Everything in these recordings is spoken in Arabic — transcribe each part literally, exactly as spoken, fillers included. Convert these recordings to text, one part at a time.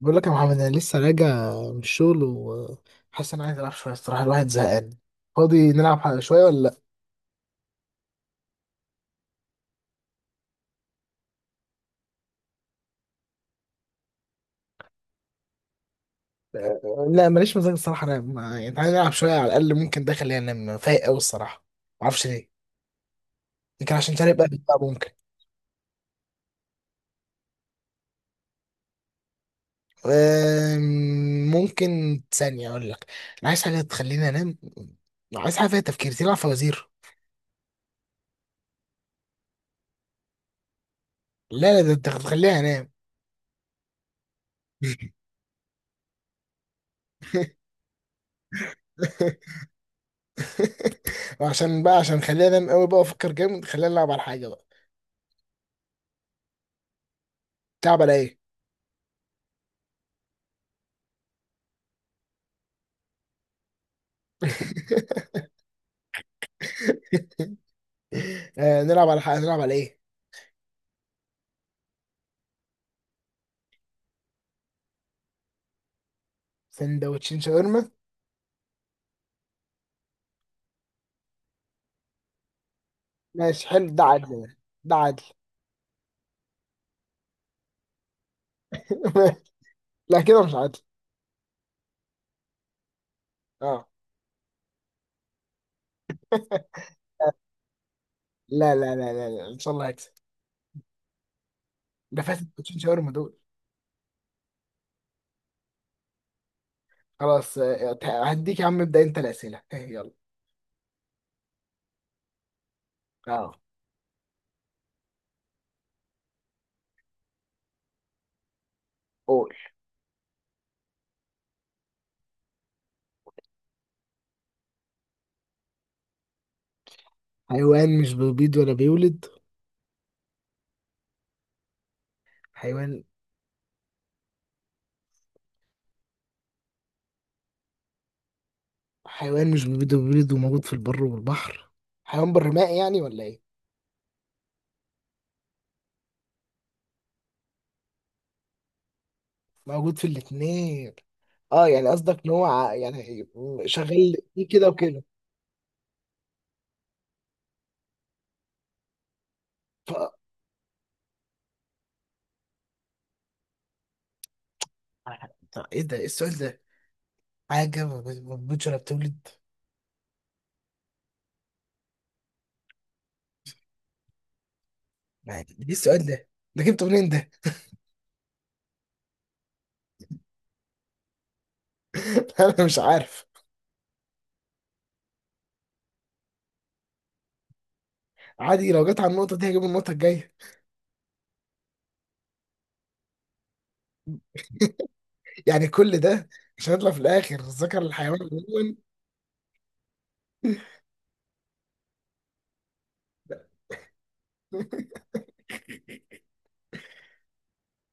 بقول لك يا محمد، انا لسه راجع من الشغل وحاسس ان انا عايز العب شويه الصراحه. الواحد زهقان. فاضي نلعب ح- شويه ولا لا؟ آه، لا، ماليش مزاج الصراحه انام يعني. تعالى نلعب شويه على الاقل، ممكن ده خلينا انام فايق قوي الصراحه. ما اعرفش ليه. يمكن عشان تاني بقى بقى ممكن. أم، ممكن ثانيه اقول لك. انا عايز حاجه تخليني انام. عايز حاجه فيها تفكير، تلعب فوازير؟ لا، لا، ده انت هتخليني انام. وعشان بقى عشان خليني انام قوي بقى افكر جامد، خليني العب على حاجه بقى. تلعب على ايه؟ آه، نلعب على حق، نلعب على ايه؟ سندوتشين شاورما؟ ماشي، حلو، ده عدل ده. ده عدل. لا، كده مش عدل. اه. لا، لا، لا، لا، لا. ان شاء الله هكسب. ده فاتت سندوتشين شاورما دول. خلاص، آه، هديك يا عم، ابدا انت الاسئله، آه، يلا. اه. قول. حيوان مش بيبيض ولا بيولد؟ حيوان. حيوان مش بيبيض ولا بيولد وموجود في البر والبحر. حيوان برمائي يعني ولا ايه؟ موجود في الاتنين؟ اه، يعني قصدك ان هو ع- يعني شغال فيه كده وكده. ف... طب ايه ده؟ ايه السؤال ده؟ حاجة ما ب- ما بتموتش ولا بتولد. يعني ايه السؤال ده؟ ده جبته منين ده؟ انا مش عارف. عادي، لو جت على النقطة دي هجيب النقطة الجاية. يعني كل ده عشان اطلع في الاخر ذكر الحيوان عموما؟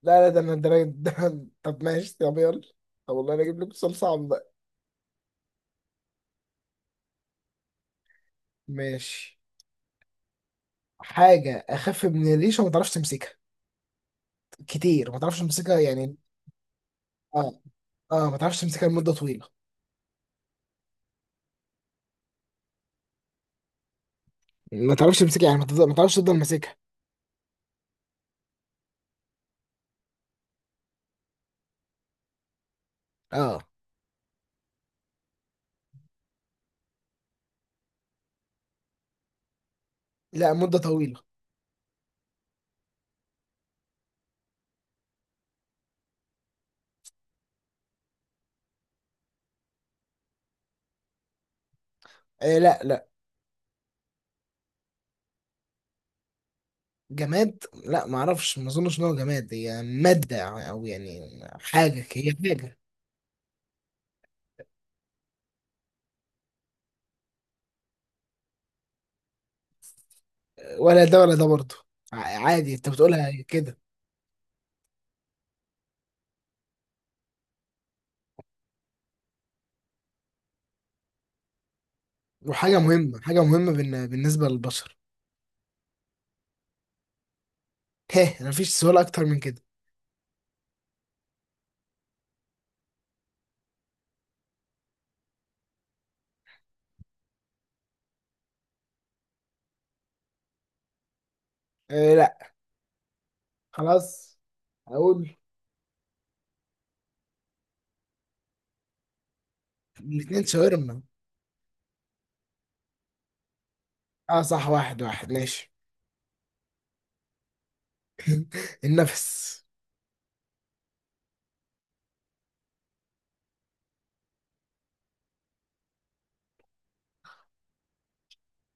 لا، لا، ده انا ده، أنا- ده. طب ماشي، طب يلا. طب والله انا اجيب لك سؤال صعب بقى. ماشي. حاجة اخف من الريشة وما تعرفش تمسكها. كتير، ما تعرفش تمسكها يعني. اه. اه، ما تعرفش تمسكها لمدة طويلة. ما تعرفش تمسكها يعني، ما تفضل- ما تعرفش تفضل ماسكها. اه. لا، مدة طويلة. إيه، لا، لا. جماد؟ لا، ما اعرفش، ما اظنش ان هو جماد. هي مادة، او يعني حاجة، هي حاجة. ولا ده ولا ده برضه. ع- عادي انت بتقولها كده. وحاجة مهمة، حاجة مهمة بالن- بالنسبة للبشر. هه، انا مفيش سؤال اكتر من كده. إيه، لا. خلاص. اقول. الاتنين شاورما. اه، صح، واحد واحد ماشي. النفس.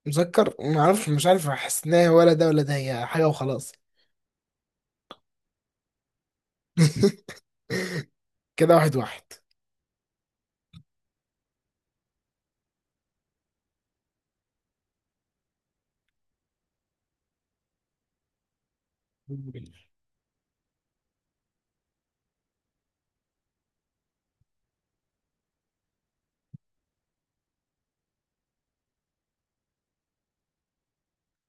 مسكر، ما اعرفش، مش عارف. احس ان هي ولا ده ولا ده، هي حاجة وخلاص. كده واحد واحد.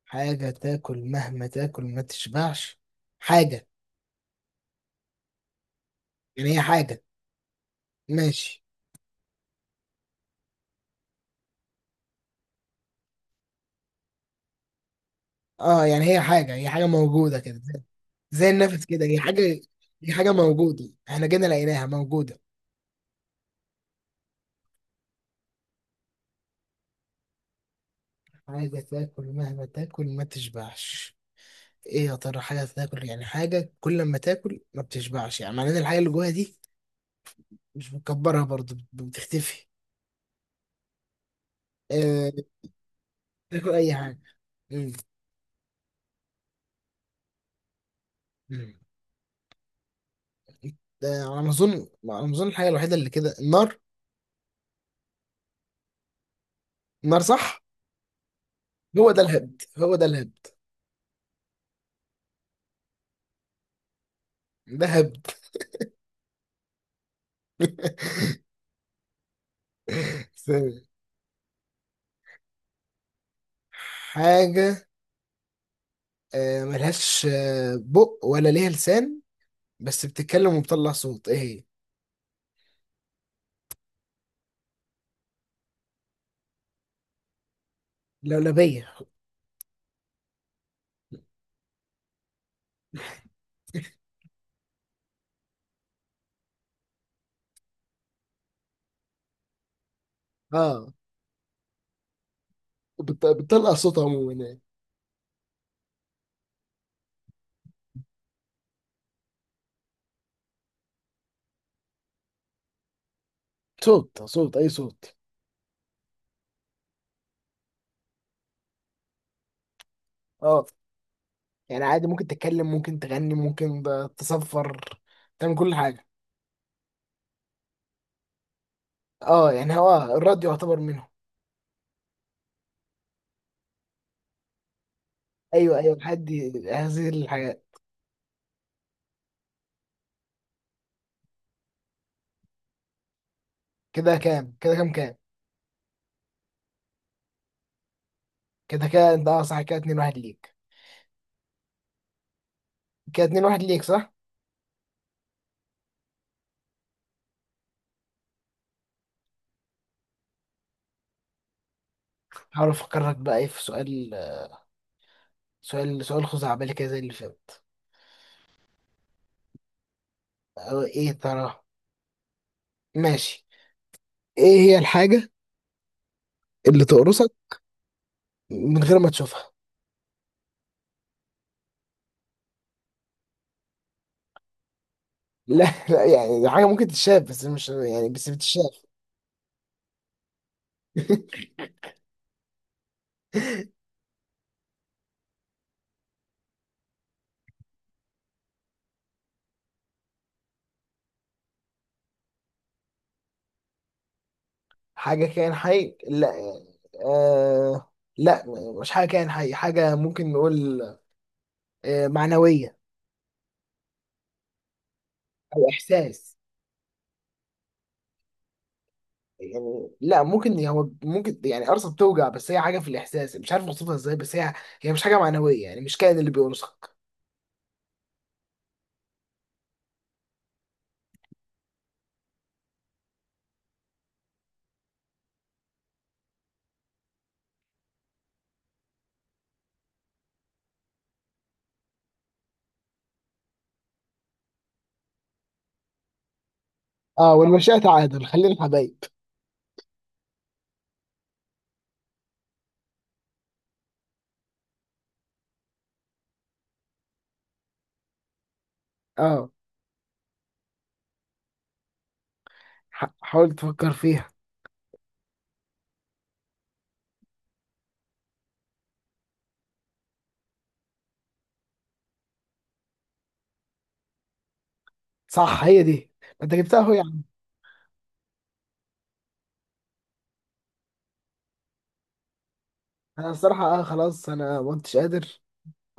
حاجة تاكل مهما تاكل ما تشبعش؟ حاجة. يعني هي حاجة. ماشي. اه، يعني هي حاجة، هي حاجة موجودة كده، زي زي النفس كده، هي حاجة. هي حاجة موجودة، احنا جينا لقيناها موجودة. حاجة تاكل مهما تاكل ما تشبعش. ايه يا ترى؟ حاجة تاكل يعني، حاجة كل ما تاكل ما بتشبعش، يعني معناه إن الحاجة اللي جواها دي مش بتكبرها برضه، بت- بتختفي. آه. تاكل أي حاجة. مم. مم. ده على ما أظن على ما أظن الحاجة الوحيدة اللي كده، النار. النار، صح؟ هو ده الهبد، هو ده الهبد. ده هبد. ثانية. حاجة آه، ملهاش آه، بق ولا ليها لسان، بس بتتكلم وبتطلع صوت. ايه هي؟ لولبية. اه، بت- بتطلع صوت عموما يعني. صوت، صوت، اي صوت. اه يعني عادي، ممكن تتكلم، ممكن تغني، ممكن ت- تصفر، تعمل كل حاجة. اه، يعني هو الراديو يعتبر منهم. ايوه، ايوه، لحد هذه الحاجات. كده كام كده كام كام كده كده انت، اه صح، كده اتنين واحد ليك. كده اتنين واحد ليك، صح؟ حاول افكرك بقى ايه في سؤال، سؤال سؤال خزعبلي كده زي اللي فات. أو ايه ترى. ماشي. ايه هي الحاجة اللي تقرصك من غير ما تشوفها؟ لا، لا، يعني حاجة ممكن تتشاف، بس مش يعني بس بتتشاف. حاجة كائن حي؟ لا يعني. آه. لا. مش حاجة كائن حي، حاجة ممكن نقول آه معنوية. أو إحساس. يعني لا، ممكن هو ممكن يعني قرصة بتوجع، بس هي حاجة في الإحساس، مش عارف أوصفها إزاي، بس هي هي مش حاجة معنوية، يعني مش كائن اللي بيقرصك. اه، والمشيئة تعادل، خلينا حبايب. اه، ح- حاول تفكر فيها. صح، هي دي. ما انت جبتها اهو يعني. انا الصراحة اه، خلاص، انا ما كنتش قادر.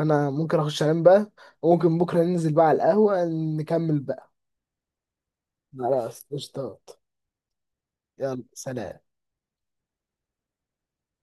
انا ممكن اخش انام بقى، وممكن بكرة ننزل بقى على القهوة، نكمل بقى. خلاص، قشطات. يلا، سلام.